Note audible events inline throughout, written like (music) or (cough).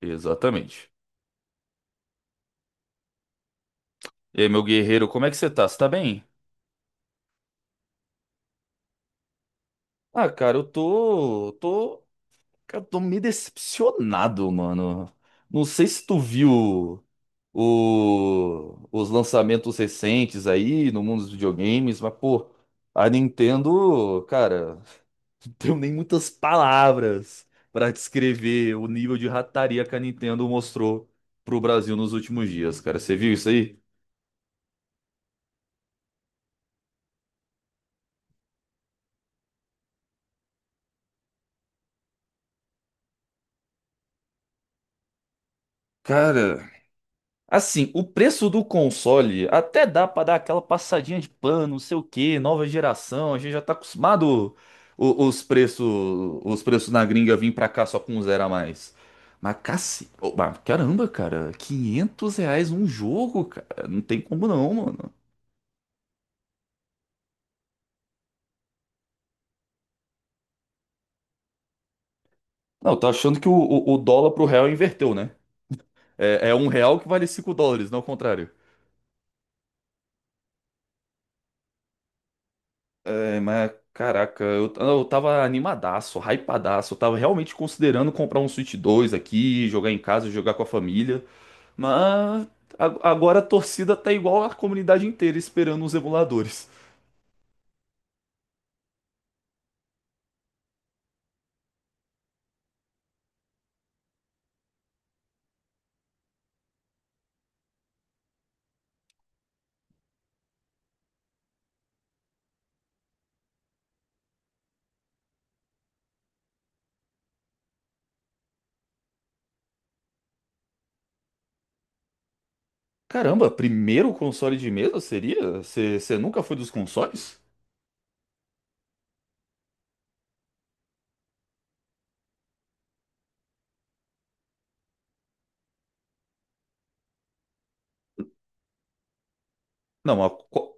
Exatamente. E aí, meu guerreiro, como é que você tá? Você tá bem? Ah, cara, eu tô, tô, cara, tô meio decepcionado, mano. Não sei se tu viu os lançamentos recentes aí no mundo dos videogames, mas, pô, a Nintendo, cara, (laughs) não tenho nem muitas palavras pra descrever o nível de rataria que a Nintendo mostrou pro Brasil nos últimos dias, cara. Você viu isso aí? Cara, assim, o preço do console até dá pra dar aquela passadinha de pano, não sei o que nova geração, a gente já tá acostumado o- os preços, os preços na gringa vir pra cá só com um zero a mais. Mas mas caramba, cara, 500 reais um jogo, cara, não tem como não, mano. Não, tá achando que o dólar pro real inverteu, né? É, é um real que vale 5 dólares, não o contrário. É, mas caraca, eu tava animadaço, hypadaço. Eu tava realmente considerando comprar um Switch dois aqui, jogar em casa, jogar com a família. Mas agora a torcida tá igual a comunidade inteira esperando os emuladores. Caramba, primeiro console de mesa seria? Você nunca foi dos consoles? Não, mas, qual-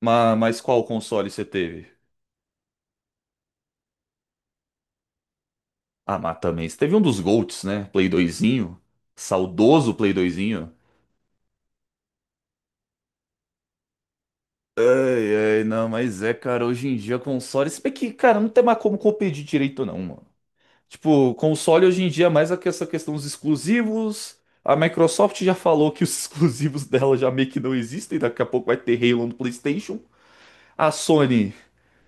ma- mas qual console você teve? Ah, mas também, você teve um dos Golds, né? Play doisinho. Saudoso Play 2. Não, mas é, cara, hoje em dia console, se bem que, cara, não tem mais como competir direito não, mano. Tipo, console hoje em dia é mais essa questão dos exclusivos. A Microsoft já falou que os (laughs) exclusivos dela já meio que não existem, daqui a pouco vai ter Halo no PlayStation. A Sony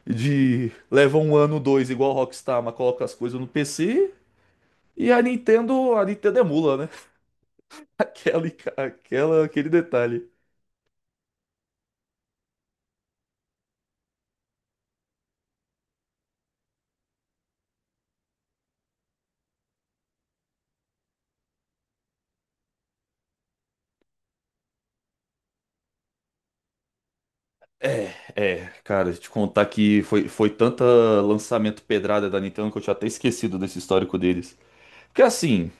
de leva um ano, dois, igual a Rockstar, mas coloca as coisas no PC. E a Nintendo emula, né? (laughs) Aquela, aquele detalhe. É, cara, te contar que foi, foi tanta lançamento pedrada da Nintendo que eu tinha até esquecido desse histórico deles. Porque assim,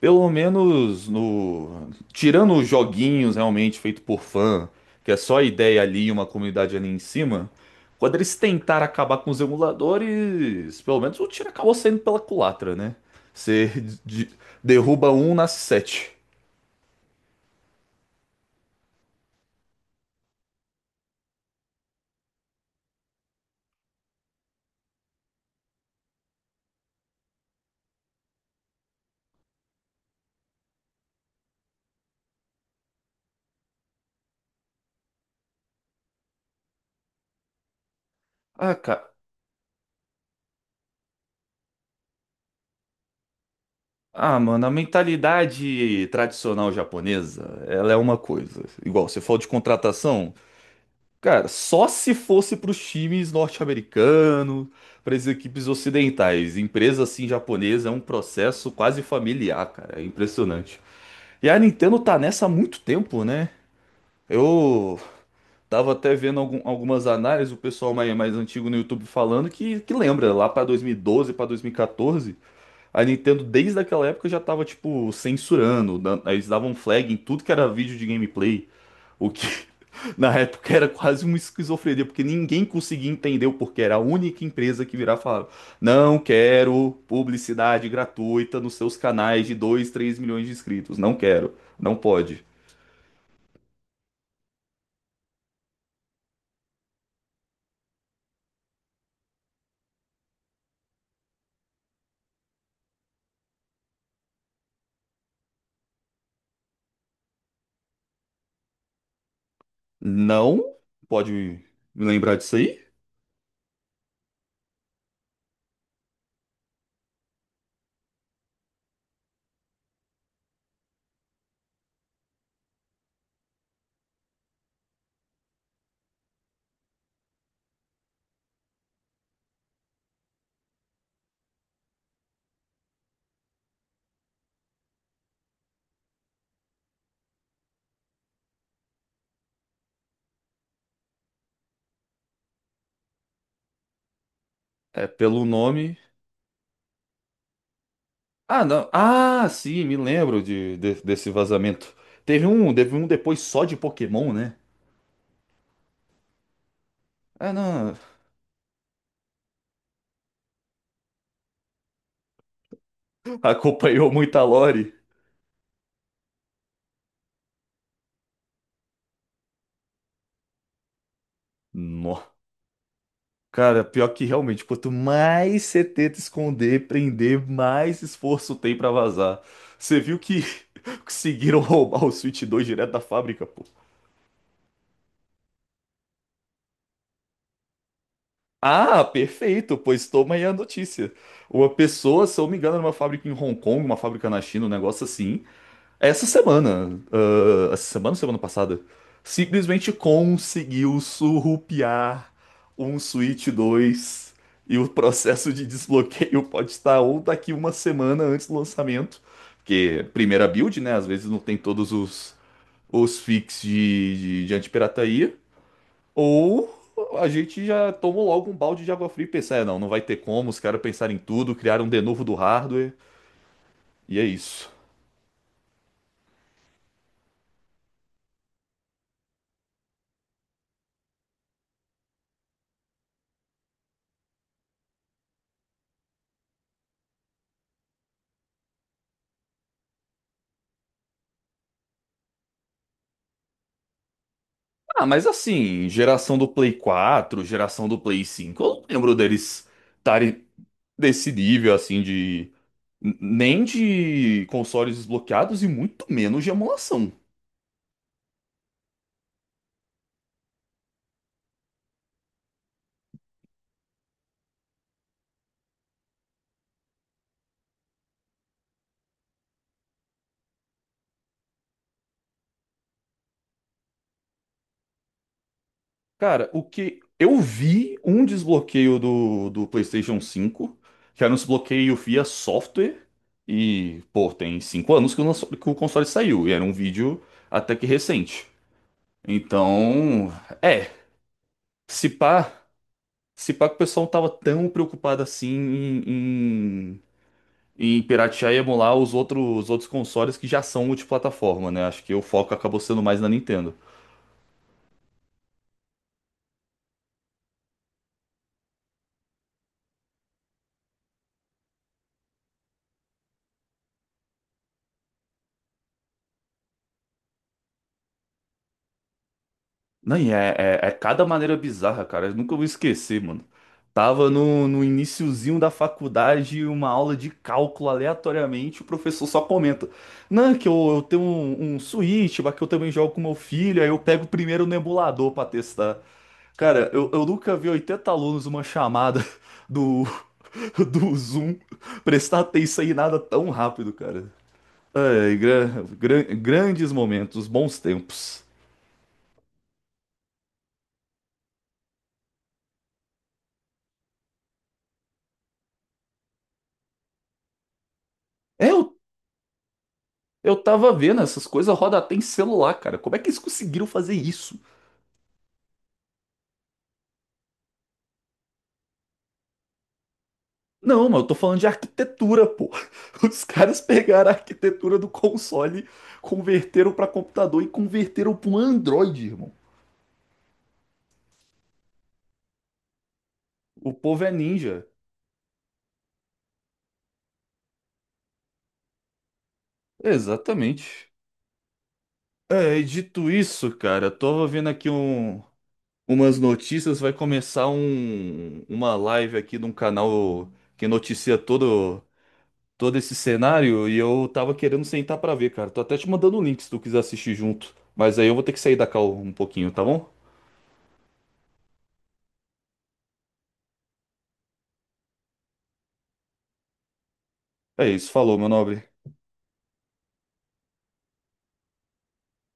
pelo menos no... Tirando os joguinhos realmente feito por fã, que é só ideia ali e uma comunidade ali em cima, quando eles tentaram acabar com os emuladores, pelo menos o tiro acabou saindo pela culatra, né? Você (laughs) de- derruba um, nasce sete. Ah, cara. Ah, mano, a mentalidade tradicional japonesa, ela é uma coisa. Igual, você falou de contratação, cara, só se fosse pros times norte-americanos, pras equipes ocidentais. Empresa assim japonesa é um processo quase familiar, cara, é impressionante. E a Nintendo tá nessa há muito tempo, né? Eu tava até vendo algumas análises, o pessoal mais, mais antigo no YouTube falando que lembra, lá pra 2012, pra 2014. A Nintendo, desde aquela época, já tava, tipo, censurando. Eles davam flag em tudo que era vídeo de gameplay. O que, (laughs) na época, era quase uma esquizofrenia, porque ninguém conseguia entender o porquê. Era a única empresa que virava e falava: não quero publicidade gratuita nos seus canais de 2, 3 milhões de inscritos. Não quero. Não pode. Não pode me lembrar disso aí? É, pelo nome. Ah, não. Ah, sim, me lembro desse vazamento. Teve um depois só de Pokémon, né? Ah, não. (laughs) Acompanhou muita lore. Nó. Cara, pior que realmente, quanto mais você tenta esconder, prender, mais esforço tem pra vazar. Você viu que (laughs) conseguiram roubar o Switch dois direto da fábrica, pô. Ah, perfeito, pois toma aí a notícia. Uma pessoa, se eu não me engano, era uma fábrica em Hong Kong, uma fábrica na China, um negócio assim. Essa semana ou semana passada, simplesmente conseguiu surrupiar um Switch dois e o processo de desbloqueio pode estar ou daqui uma semana antes do lançamento, porque primeira build, né? Às vezes não tem todos os fix de antipirataria, ou a gente já tomou logo um balde de água fria e pensa, é, não, não vai ter como, os caras pensaram em tudo, criaram um de novo do hardware, e é isso. Ah, mas assim, geração do Play 4, geração do Play 5, eu não lembro deles estarem desse nível assim de nem de consoles desbloqueados e muito menos de emulação. Cara, o que eu vi um desbloqueio do PlayStation 5, que era um desbloqueio via software, e pô, tem 5 anos que o, que o console saiu, e era um vídeo até que recente. Então, é, se pá. Se pá que o pessoal não tava tão preocupado assim em piratear e emular os outros consoles que já são multiplataforma, né? Acho que o foco acabou sendo mais na Nintendo. Não, e é cada maneira bizarra, cara. Eu nunca vou esquecer, mano. Tava no iniciozinho da faculdade, uma aula de cálculo aleatoriamente, o professor só comenta: não, é que eu tenho um, um Switch, mas que eu também jogo com meu filho, aí eu pego primeiro no emulador pra testar. Cara, eu nunca vi 80 alunos uma chamada (laughs) do, do Zoom prestar atenção em nada tão rápido, cara. Ai, grandes momentos, bons tempos. É, eu, eu tava vendo essas coisas roda até em celular, cara. Como é que eles conseguiram fazer isso? Não, mas eu tô falando de arquitetura, pô. (laughs) Os caras pegaram a arquitetura do console, converteram pra computador e converteram pra um Android, irmão. O povo é ninja. Exatamente. É, e dito isso, cara, eu tava vendo aqui um, umas notícias, vai começar um, uma live aqui de um canal que noticia todo, todo esse cenário e eu tava querendo sentar pra ver, cara. Tô até te mandando o link se tu quiser assistir junto. Mas aí eu vou ter que sair da call um pouquinho, tá bom? É isso, falou, meu nobre.